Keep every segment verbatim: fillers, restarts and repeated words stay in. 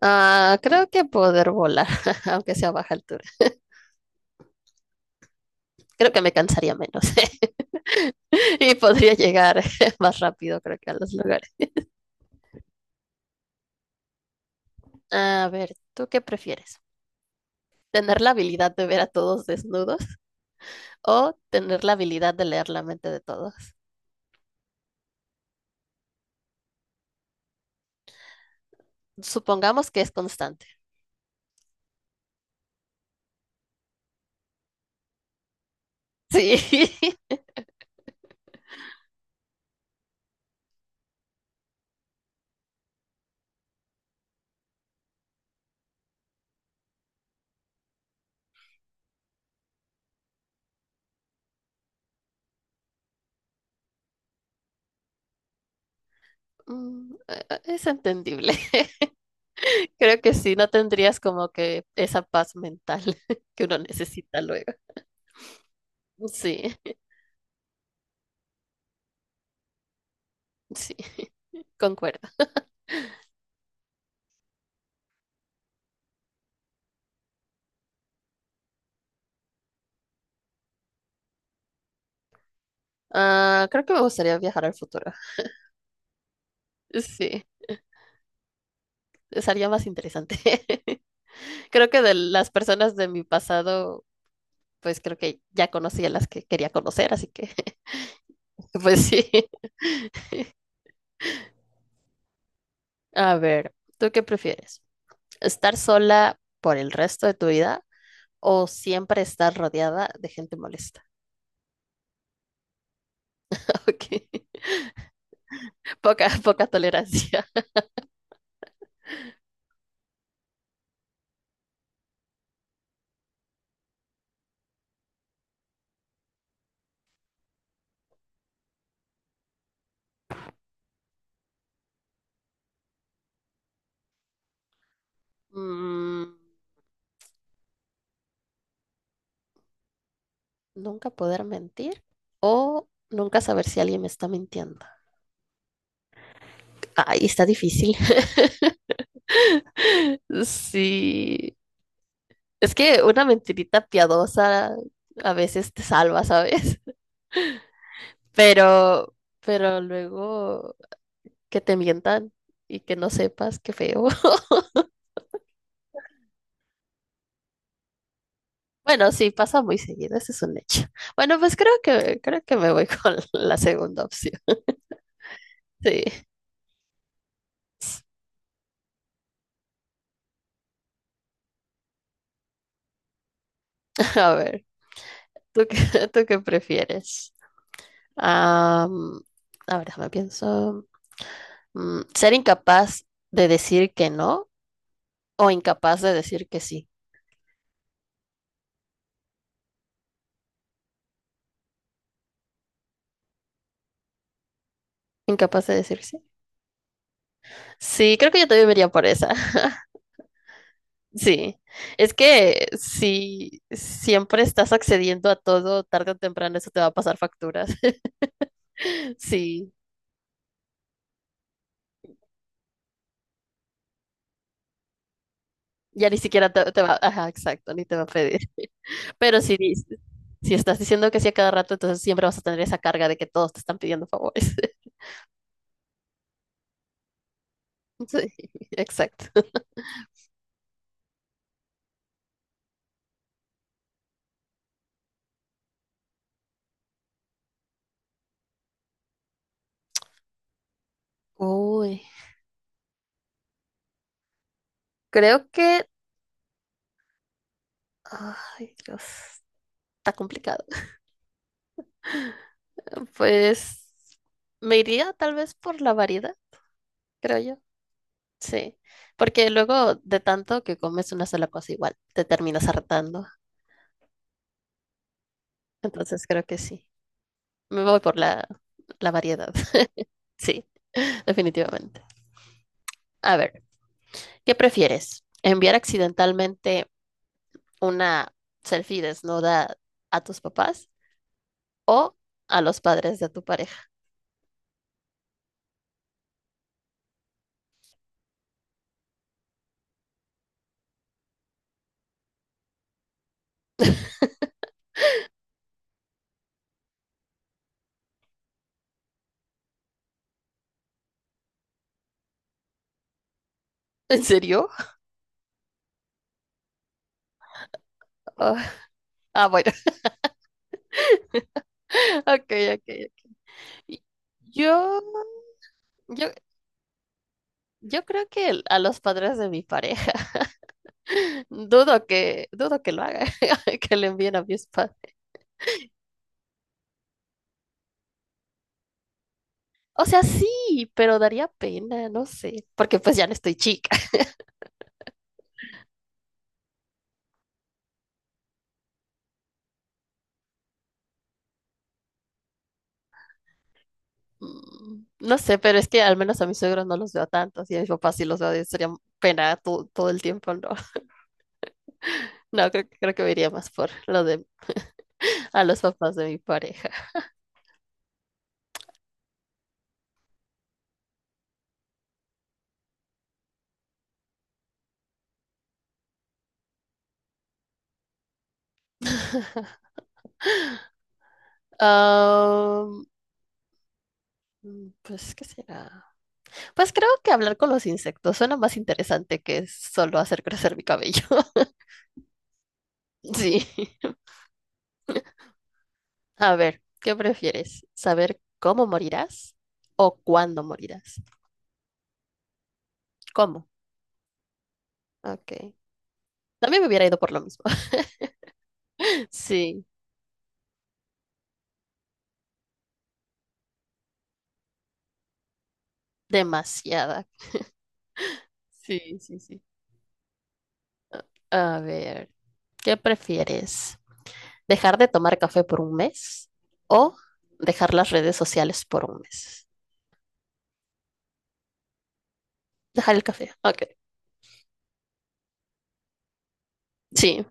Ah, creo que poder volar, aunque sea a baja altura. Creo que me cansaría menos y podría llegar más rápido, creo que a los lugares. A ver, ¿tú qué prefieres? ¿Tener la habilidad de ver a todos desnudos o tener la habilidad de leer la mente de todos? Supongamos que es constante. Sí. Mm, eh, eh, es entendible. Creo que sí, no tendrías como que esa paz mental que uno necesita luego. Sí, sí, concuerdo. Ah, creo que me gustaría viajar al futuro. Sí, sería más interesante. Creo que de las personas de mi pasado, pues creo que ya conocí a las que quería conocer, así que, pues sí. A ver, ¿tú qué prefieres? ¿Estar sola por el resto de tu vida o siempre estar rodeada de gente molesta? Ok, poca, poca tolerancia. Mm, ¿nunca poder mentir o nunca saber si alguien me está mintiendo? Ay, está difícil. Sí, es que una mentirita piadosa a veces te salva, ¿sabes? Pero, pero luego que te mientan y que no sepas, qué feo. Bueno, sí, pasa muy seguido, ese es un hecho. Bueno, pues creo que, creo que me voy con la segunda opción. Sí. A ver, ¿tú qué, ¿tú qué prefieres? Am, a ver, déjame pienso. Mm, ¿ser incapaz de decir que no o incapaz de decir que sí? Incapaz de decir sí. Sí, creo que yo también me iría por esa. Sí. Es que si siempre estás accediendo a todo, tarde o temprano eso te va a pasar facturas. Sí. Ya ni siquiera te, te va, ajá, exacto, ni te va a pedir. Pero si, dis- si estás diciendo que sí a cada rato, entonces siempre vas a tener esa carga de que todos te están pidiendo favores. Sí, exacto. Uy, creo que... Ay, Dios, está complicado. Pues me iría tal vez por la variedad, creo yo. Sí, porque luego de tanto que comes una sola cosa igual, te terminas hartando. Entonces creo que sí. Me voy por la, la variedad. Sí, definitivamente. A ver, ¿qué prefieres? ¿Enviar accidentalmente una selfie desnuda a tus papás o a los padres de tu pareja? ¿En serio? Oh, ah, bueno. Ok, ok, ok. Yo, yo, yo creo que el- a los padres de mi pareja. Dudo que, dudo que lo haga, que le envíen a mi spa. O sea, sí, pero daría pena, no sé, porque pues ya no estoy chica. Mm, no sé, pero es que al menos a mis suegros no los veo tanto, y a mis papás sí los veo, sería pena to- todo el tiempo, no. No, creo que- creo que me iría más por lo de a los papás de mi pareja. Ah, mm, pues, ¿qué será? Pues creo que hablar con los insectos suena más interesante que solo hacer crecer mi cabello. Sí. A ver, ¿qué prefieres? ¿Saber cómo morirás o cuándo morirás? ¿Cómo? Ok. También me hubiera ido por lo mismo. Sí, demasiada. Sí, sí, sí. A ver, ¿qué prefieres? ¿Dejar de tomar café por un mes o dejar las redes sociales por un mes? Dejar el café. Ok. Sí,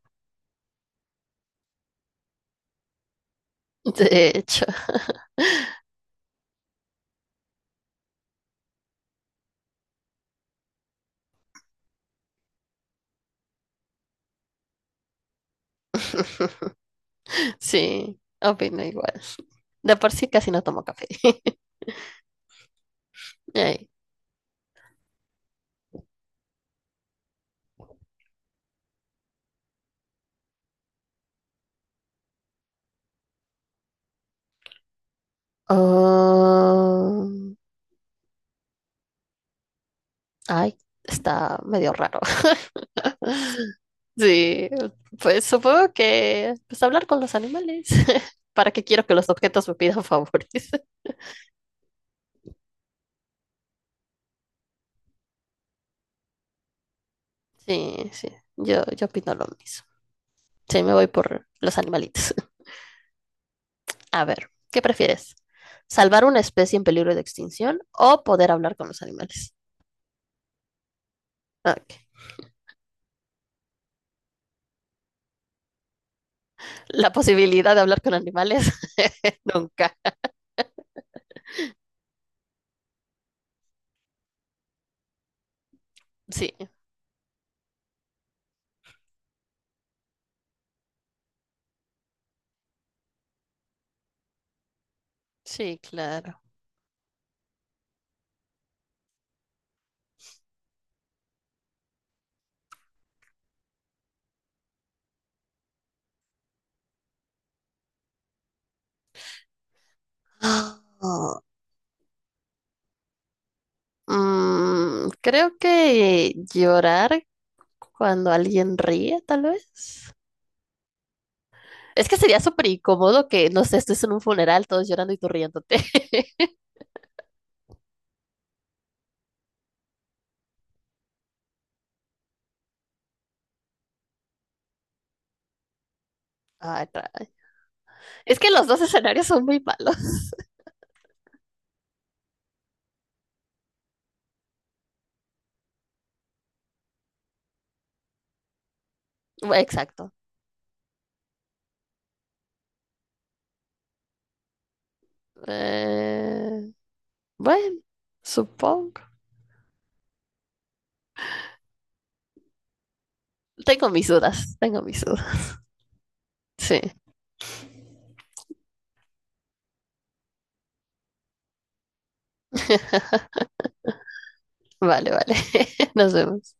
de hecho. Sí, opino igual. De por sí casi no tomo café. Ay. Ah, Ay, está medio raro. Sí, pues supongo que pues hablar con los animales. ¿Para qué quiero que los objetos me pidan favores? Sí, sí, yo, yo opino lo mismo. Sí, me voy por los animalitos. A ver, ¿qué prefieres? ¿Salvar una especie en peligro de extinción o poder hablar con los animales? Ok. La posibilidad de hablar con animales, nunca. Sí, sí, claro. Mm, creo que llorar cuando alguien ríe, tal vez. Es que sería súper incómodo que, no sé, estés en un funeral, todos llorando y tú riéndote. Ay, caray. Es que los dos escenarios son muy malos. Bueno, exacto. Eh, bueno, supongo. Tengo mis dudas, tengo mis dudas. Sí, vale, vale. Nos vemos.